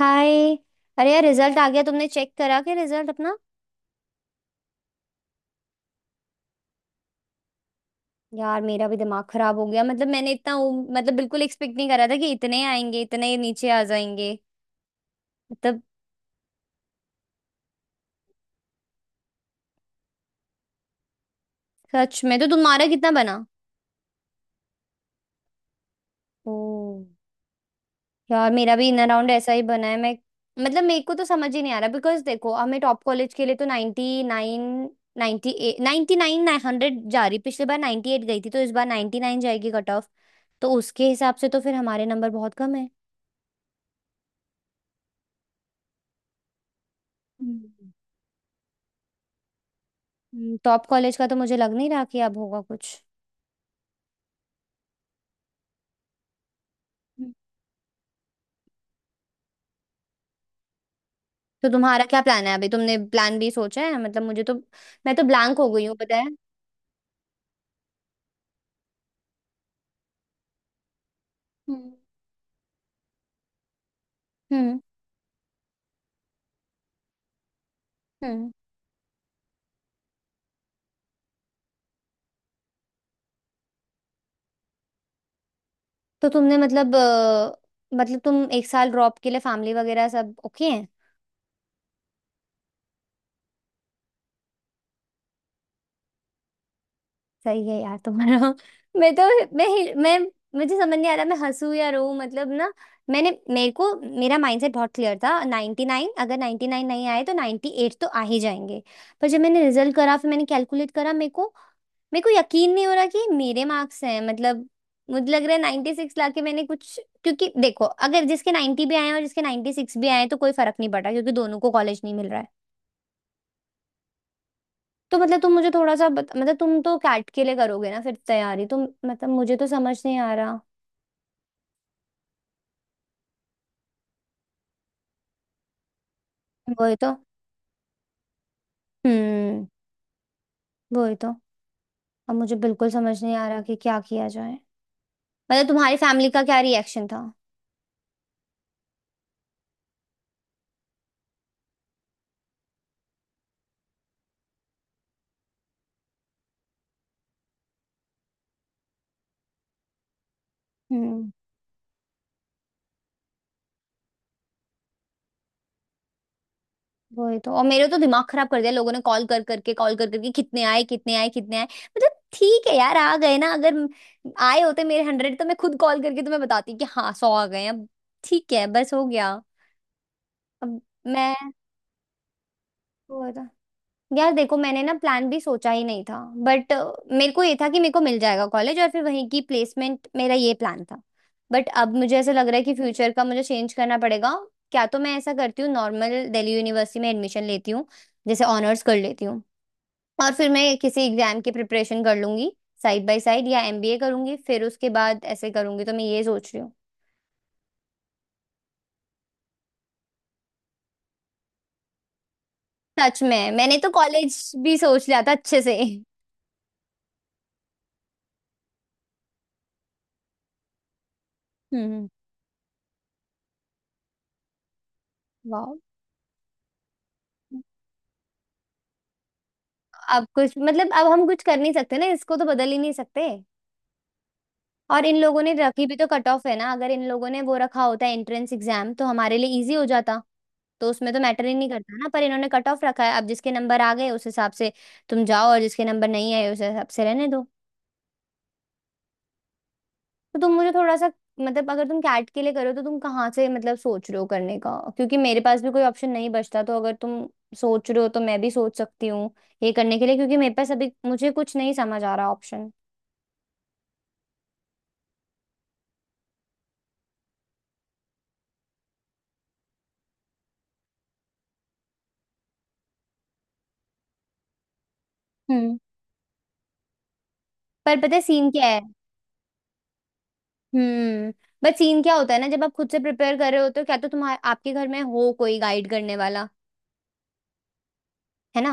हाय। अरे यार, रिजल्ट आ गया। तुमने चेक करा क्या रिजल्ट अपना? यार, मेरा भी दिमाग खराब हो गया। मतलब मैंने इतना मतलब बिल्कुल एक्सपेक्ट नहीं करा था कि इतने आएंगे, इतने नीचे आ जाएंगे मतलब। सच में, तो तुम्हारा कितना बना? ओ। यार, मेरा भी इन अराउंड ऐसा ही बना है। मैं मतलब मेरे को तो समझ ही नहीं आ रहा, बिकॉज देखो, हमें टॉप कॉलेज के लिए तो 99, 98, 99, 100 जा रही। पिछली बार 98 गई थी, तो इस बार 99 जाएगी कट ऑफ। तो उसके हिसाब से तो फिर हमारे नंबर बहुत कम है। टॉप कॉलेज का तो मुझे लग नहीं रहा कि अब होगा कुछ। हम्म। तो तुम्हारा क्या प्लान है अभी? तुमने प्लान भी सोचा है? मतलब मुझे तो, मैं तो ब्लैंक हो गई हूँ, पता है। हम्म। हम्म। हम्म। तो तुमने मतलब मतलब तुम एक साल ड्रॉप के लिए फैमिली वगैरह सब ओके? सही है यार तुम्हारा मैं तो, मैं हिल- मैं मुझे समझ नहीं आ रहा मैं हंसू या रो। मतलब ना, मैंने मेरे को मेरा माइंडसेट बहुत क्लियर था। 99, अगर 99 नहीं आए तो 98 तो आ ही जाएंगे। पर जब मैंने रिजल्ट करा, फिर मैंने कैलकुलेट करा, मेरे को यकीन नहीं हो रहा कि ये मेरे मार्क्स हैं मतलब। मुझे लग रहा है 96 लाके मैंने कुछ, क्योंकि देखो, अगर जिसके 90 भी आए हैं और जिसके 96 भी आए हैं, तो कोई फर्क नहीं पड़ा, क्योंकि दोनों को कॉलेज नहीं मिल रहा है। तो मतलब तुम मुझे थोड़ा सा मतलब तुम तो कैट के लिए करोगे ना फिर तैयारी तुम? मतलब मुझे तो समझ नहीं आ रहा। वही तो। हम्म। वही तो। अब मुझे बिल्कुल समझ नहीं आ रहा कि क्या किया जाए। मतलब तुम्हारी फैमिली का क्या रिएक्शन था? हम्म। वही तो। और मेरे तो दिमाग खराब कर दिया लोगों ने, कॉल कर करके, कॉल कर करके, कितने आए, कितने आए, कितने आए। मतलब ठीक है यार, आ गए ना। अगर आए होते मेरे 100, तो मैं खुद कॉल करके तुम्हें बताती कि हाँ 100 आ गए अब, ठीक है, बस हो गया। अब मैं, यार देखो, मैंने ना प्लान भी सोचा ही नहीं था। बट मेरे को ये था कि मेरे को मिल जाएगा कॉलेज, और फिर वहीं की प्लेसमेंट, मेरा ये प्लान था। बट अब मुझे ऐसा लग रहा है कि फ्यूचर का मुझे चेंज करना पड़ेगा। क्या तो मैं ऐसा करती हूँ, नॉर्मल दिल्ली यूनिवर्सिटी में एडमिशन लेती हूँ, जैसे ऑनर्स कर लेती हूँ, और फिर मैं किसी एग्जाम की प्रिपरेशन कर लूंगी साइड बाय साइड, या एमबीए करूंगी फिर उसके बाद, ऐसे करूंगी, तो मैं ये सोच रही हूँ। सच में, मैंने तो कॉलेज भी सोच लिया था अच्छे से हम्म। वाह। अब कुछ मतलब, अब हम कुछ कर नहीं सकते ना, इसको तो बदल ही नहीं सकते। और इन लोगों ने रखी भी तो कट ऑफ है ना। अगर इन लोगों ने वो रखा होता है एंट्रेंस एग्जाम, तो हमारे लिए इजी हो जाता। तो उसमें तो मैटर ही नहीं करता ना, पर इन्होंने कट ऑफ रखा है। अब जिसके नंबर आ गए उस हिसाब से तुम जाओ, और जिसके नंबर नहीं आए उस हिसाब से रहने दो। तो तुम मुझे थोड़ा सा, मतलब अगर तुम कैट के लिए करो तो तुम कहाँ से मतलब सोच रहे हो करने का? क्योंकि मेरे पास भी कोई ऑप्शन नहीं बचता, तो अगर तुम सोच रहे हो, तो मैं भी सोच सकती हूँ ये करने के लिए, क्योंकि मेरे पास अभी, मुझे कुछ नहीं समझ आ रहा ऑप्शन। पर पता है सीन क्या है? हम्म। बट सीन क्या होता है ना, जब आप खुद से प्रिपेयर कर रहे होते हो, क्या तो तुम्हारे आपके घर में हो कोई गाइड करने वाला, है ना?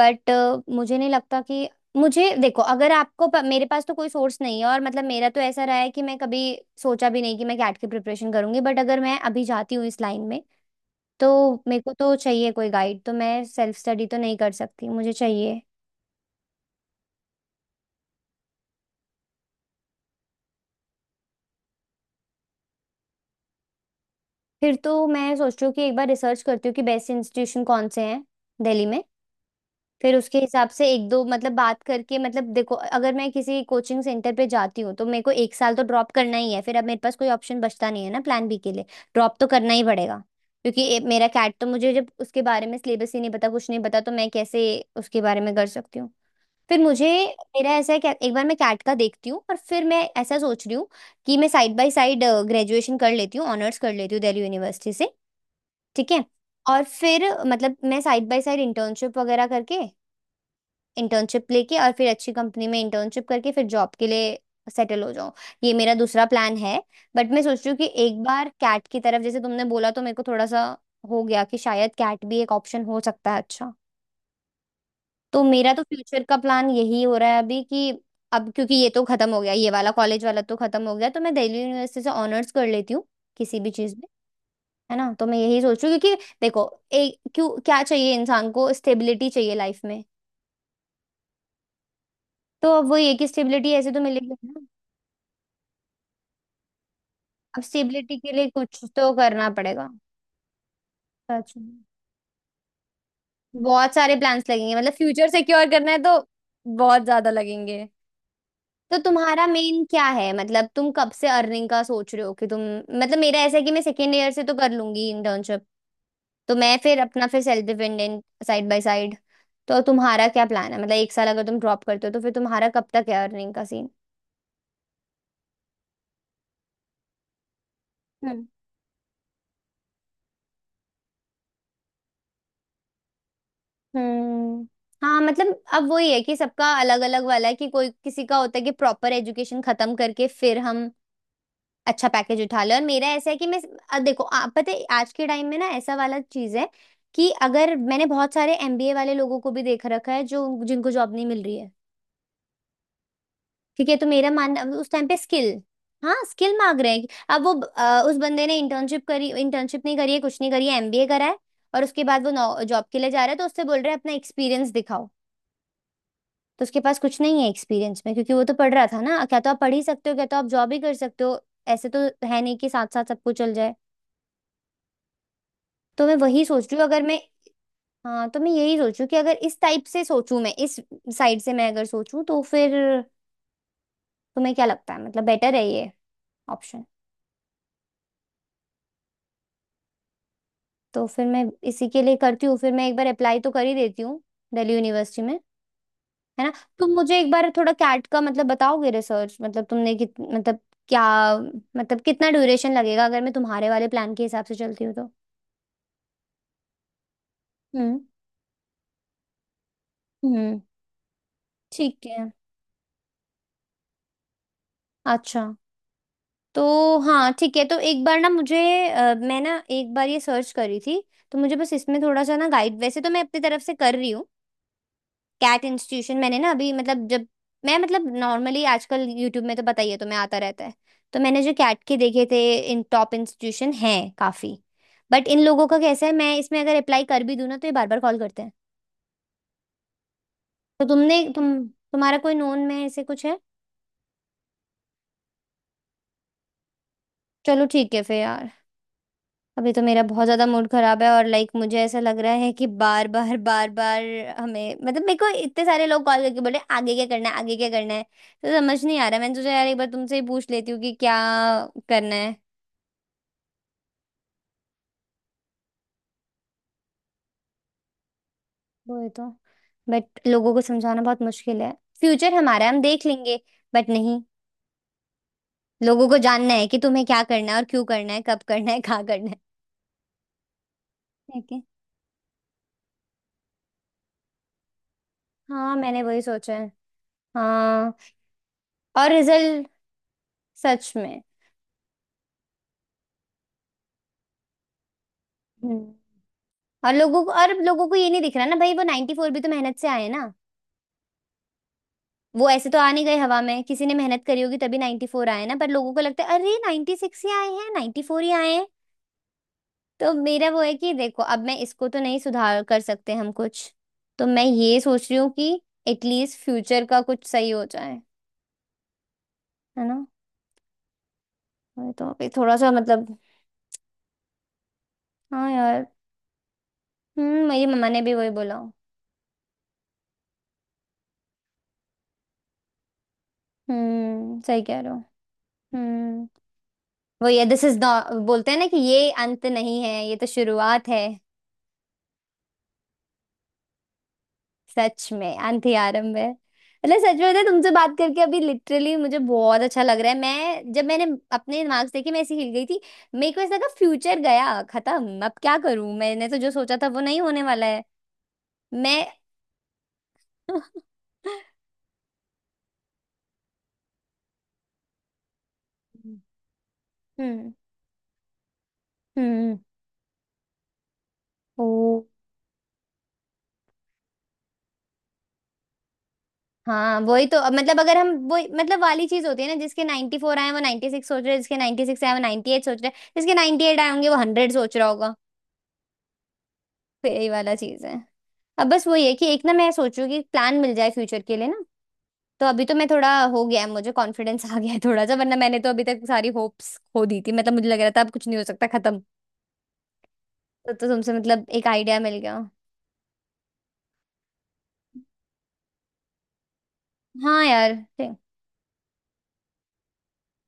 बट मुझे नहीं लगता कि, मुझे देखो, अगर मेरे पास तो कोई सोर्स नहीं है, और मतलब मेरा तो ऐसा रहा है कि मैं कभी सोचा भी नहीं कि मैं कैट की प्रिपरेशन करूंगी। बट अगर मैं अभी जाती हूँ इस लाइन में, तो मेरे को तो चाहिए कोई गाइड, तो मैं सेल्फ स्टडी तो नहीं कर सकती, मुझे चाहिए। फिर तो मैं सोच रही हूँ कि एक बार रिसर्च करती हूँ कि बेस्ट इंस्टीट्यूशन कौन से हैं दिल्ली में। फिर उसके हिसाब से एक दो मतलब बात करके, मतलब देखो, अगर मैं किसी कोचिंग सेंटर पे जाती हूँ, तो मेरे को एक साल तो ड्रॉप करना ही है, फिर अब मेरे पास कोई ऑप्शन बचता नहीं है ना प्लान बी के लिए। ड्रॉप तो करना ही पड़ेगा, क्योंकि मेरा कैट तो, मुझे जब उसके बारे में सिलेबस ही नहीं पता, कुछ नहीं पता, तो मैं कैसे उसके बारे में कर सकती हूँ? फिर मुझे, मेरा ऐसा है कि एक बार मैं कैट का देखती हूँ, और फिर मैं ऐसा सोच रही हूँ कि मैं साइड बाय साइड ग्रेजुएशन कर लेती हूँ, ऑनर्स कर लेती हूँ दिल्ली यूनिवर्सिटी से, ठीक है। और फिर मतलब मैं साइड बाय साइड इंटर्नशिप वगैरह करके, इंटर्नशिप लेके, और फिर अच्छी कंपनी में इंटर्नशिप करके, फिर जॉब के लिए सेटल हो जाऊं। ये मेरा दूसरा प्लान है। बट मैं सोच रही हूँ कि एक बार कैट की तरफ, जैसे तुमने बोला, तो मेरे को थोड़ा सा हो गया कि शायद कैट भी एक ऑप्शन हो सकता है अच्छा। तो मेरा तो फ्यूचर का प्लान यही हो रहा है अभी, कि अब क्योंकि ये तो खत्म हो गया, ये वाला कॉलेज वाला तो खत्म हो गया, तो मैं दिल्ली यूनिवर्सिटी से ऑनर्स कर लेती हूँ किसी भी चीज में, है ना। तो मैं यही सोच रही हूँ, क्योंकि देखो, एक क्यों, क्या चाहिए इंसान को? स्टेबिलिटी चाहिए लाइफ में। तो अब वो ये कि स्टेबिलिटी ऐसे तो मिलेगी ना, अब स्टेबिलिटी के लिए कुछ तो करना पड़ेगा। सच में, बहुत सारे प्लान्स लगेंगे, मतलब फ्यूचर सिक्योर करना है तो बहुत ज्यादा लगेंगे। तो तुम्हारा मेन क्या है, मतलब तुम कब से अर्निंग का सोच रहे हो कि तुम, मतलब मेरा ऐसा है कि मैं सेकेंड ईयर से तो कर लूंगी इंटर्नशिप, तो मैं फिर अपना फिर self dependent side by side. तो तुम्हारा क्या प्लान है, मतलब एक साल अगर तुम ड्रॉप करते हो, तो फिर तुम्हारा कब तक है अर्निंग का सीन? हम्म। हाँ मतलब, अब वही है कि सबका अलग अलग वाला है, कि कोई किसी का होता है कि प्रॉपर एजुकेशन खत्म करके फिर हम अच्छा पैकेज उठा ले, और मेरा ऐसा है कि मैं देखो, आप पता है आज के टाइम में ना ऐसा वाला चीज है कि, अगर मैंने बहुत सारे एमबीए वाले लोगों को भी देख रखा है जो, जिनको जॉब नहीं मिल रही है, ठीक है। तो मेरा मानना उस टाइम पे स्किल, हाँ, स्किल मांग रहे हैं। अब वो उस बंदे ने इंटर्नशिप करी, इंटर्नशिप नहीं करी है, कुछ नहीं करी है, एमबीए करा है, और उसके बाद वो जॉब के लिए जा रहा है, तो उससे बोल रहे हैं अपना एक्सपीरियंस दिखाओ। तो उसके पास कुछ नहीं है एक्सपीरियंस में, क्योंकि वो तो पढ़ रहा था ना। क्या तो आप पढ़ ही सकते हो, क्या तो आप जॉब ही कर सकते हो, ऐसे तो है नहीं कि साथ साथ सब कुछ चल जाए। तो मैं वही सोच रही हूँ, अगर मैं, हाँ, तो मैं यही सोचूं कि अगर इस टाइप से सोचूं, मैं इस साइड से मैं अगर सोचूं, तो फिर तुम्हें क्या लगता है, मतलब बेटर है ये ऑप्शन? तो फिर मैं इसी के लिए करती हूँ, फिर मैं एक बार अप्लाई तो कर ही देती हूँ दिल्ली यूनिवर्सिटी में, है ना। तुम मुझे एक बार थोड़ा कैट का मतलब बताओगे रिसर्च, मतलब तुमने कित मतलब क्या मतलब कितना ड्यूरेशन लगेगा अगर मैं तुम्हारे वाले प्लान के हिसाब से चलती हूँ तो? हम्म। हम्म। ठीक है। अच्छा। तो हाँ ठीक है, तो एक बार ना मुझे मैं ना एक बार ये सर्च करी थी, तो मुझे बस इसमें थोड़ा सा ना गाइड। वैसे तो मैं अपनी तरफ से कर रही हूँ, कैट इंस्टीट्यूशन मैंने ना अभी मतलब, जब मैं मतलब नॉर्मली आजकल यूट्यूब में तो पता ही है तुम्हें, आता रहता है, तो मैंने जो कैट के देखे थे, इन टॉप इंस्टीट्यूशन हैं काफी, बट इन लोगों का कैसा है, मैं इसमें अगर अप्लाई कर भी दूं ना, तो ये बार बार कॉल करते हैं। तो तुमने तुम तुम्हारा कोई नोन में ऐसे कुछ है? चलो ठीक है फिर यार, अभी तो मेरा बहुत ज्यादा मूड खराब है, और लाइक मुझे ऐसा लग रहा है कि बार बार बार बार हमें, मतलब मेरे को इतने सारे लोग कॉल करके बोले आगे क्या करना है, आगे क्या करना है, तो समझ नहीं आ रहा। मैंने सोचा यार एक बार तुमसे ही पूछ लेती हूँ कि क्या करना है। वो है तो, बट लोगों को समझाना बहुत मुश्किल है। फ्यूचर हमारा है, हम देख लेंगे। बट नहीं, लोगों को जानना है कि तुम्हें क्या करना है, और क्यों करना है, कब करना है, कहाँ करना है। ठीक है, हाँ मैंने वही सोचा है। हाँ और रिजल्ट। सच में। हम्म। और लोगों को ये नहीं दिख रहा ना भाई, वो 94 भी तो मेहनत से आए ना। वो ऐसे तो आ नहीं गए हवा में, किसी ने मेहनत करी होगी तभी 94 आए ना। पर लोगों को लगता है अरे 96 ही आए हैं, 94 ही आए हैं। तो मेरा वो है कि देखो अब मैं इसको तो नहीं सुधार कर सकते हम कुछ। तो मैं ये सोच रही हूँ कि एटलीस्ट फ्यूचर का कुछ सही हो जाए। है ना। वही अभी थोड़ा सा हाँ यार। मेरी मम्मा ने भी वही बोला। सही कह रहे हो। हम्म। वो ये दिस इज नॉट बोलते हैं ना कि ये अंत नहीं है, ये तो शुरुआत है। सच में अंधी आरंभ है, सच में बताएं, तुमसे बात करके अभी लिटरली मुझे बहुत अच्छा लग रहा है। मैं जब मैंने अपने मार्क्स देखे मैं ऐसी हिल गई थी। मेरे को ऐसा लगा फ्यूचर गया, खत्म, अब क्या करूं, मैंने तो जो सोचा था वो नहीं होने वाला है। मैं हम्म हम्म। ओ। हाँ वही। तो अब अगर हम वो वाली चीज होती है ना, जिसके 94 फोर आए हैं, वो 96 सोच रहे हैं, जिसके 96 आए हैं, वो 98 सोच रहे हैं, जिसके 98 आए होंगे वो हंड्रेड सोच रहा। फिर यही वाला चीज है। अब बस वही है कि एक ना मैं सोचू कि प्लान मिल जाए फ्यूचर के लिए ना। तो अभी तो मैं थोड़ा हो गया है, मुझे कॉन्फिडेंस आ गया है थोड़ा सा। वरना मैंने तो अभी तक सारी होप्स खो दी थी, मुझे लग रहा था अब कुछ नहीं हो सकता, खत्म। तो तुमसे एक आइडिया मिल गया। हाँ यार। ठीक।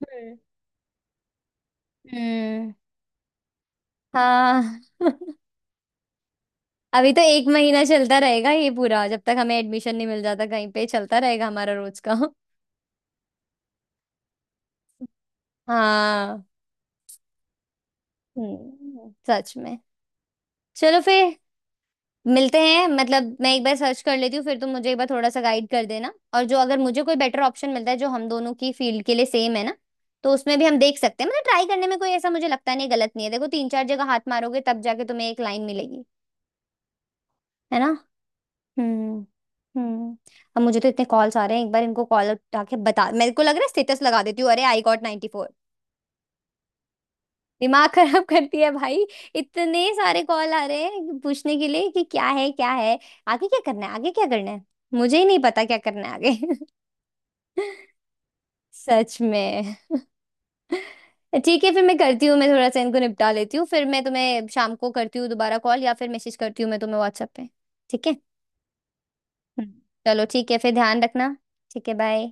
हम्म हम्म। हाँ अभी तो एक महीना चलता रहेगा ये पूरा, जब तक हमें एडमिशन नहीं मिल जाता कहीं पे चलता रहेगा हमारा रोज का हाँ। हम्म। सच में। चलो फिर मिलते हैं। मैं एक बार सर्च कर लेती हूँ, फिर तुम मुझे एक बार थोड़ा सा गाइड कर देना। और जो अगर मुझे कोई बेटर ऑप्शन मिलता है जो हम दोनों की फील्ड के लिए सेम है ना, तो उसमें भी हम देख सकते हैं। ट्राई करने में कोई ऐसा मुझे लगता नहीं गलत नहीं है। देखो तीन चार जगह हाथ मारोगे तब जाके तुम्हें एक लाइन मिलेगी। है ना। हम्म हम्म। अब मुझे तो इतने कॉल्स आ रहे हैं, एक बार इनको कॉल उठा के बता मेरे को लग रहा है स्टेटस लगा देती हूँ अरे आई गॉट 94। दिमाग खराब करती है भाई। इतने सारे कॉल आ रहे हैं पूछने के लिए कि क्या है क्या है, आगे क्या करना है, आगे क्या करना है। मुझे ही नहीं पता क्या करना है आगे। सच में। ठीक है फिर, मैं करती हूँ, मैं थोड़ा सा इनको निपटा लेती हूँ, फिर मैं तुम्हें शाम को करती हूँ दोबारा कॉल, या फिर मैसेज करती हूँ मैं तुम्हें व्हाट्सएप पे। ठीक है। हम्म। चलो ठीक है फिर, ध्यान रखना। ठीक है बाय।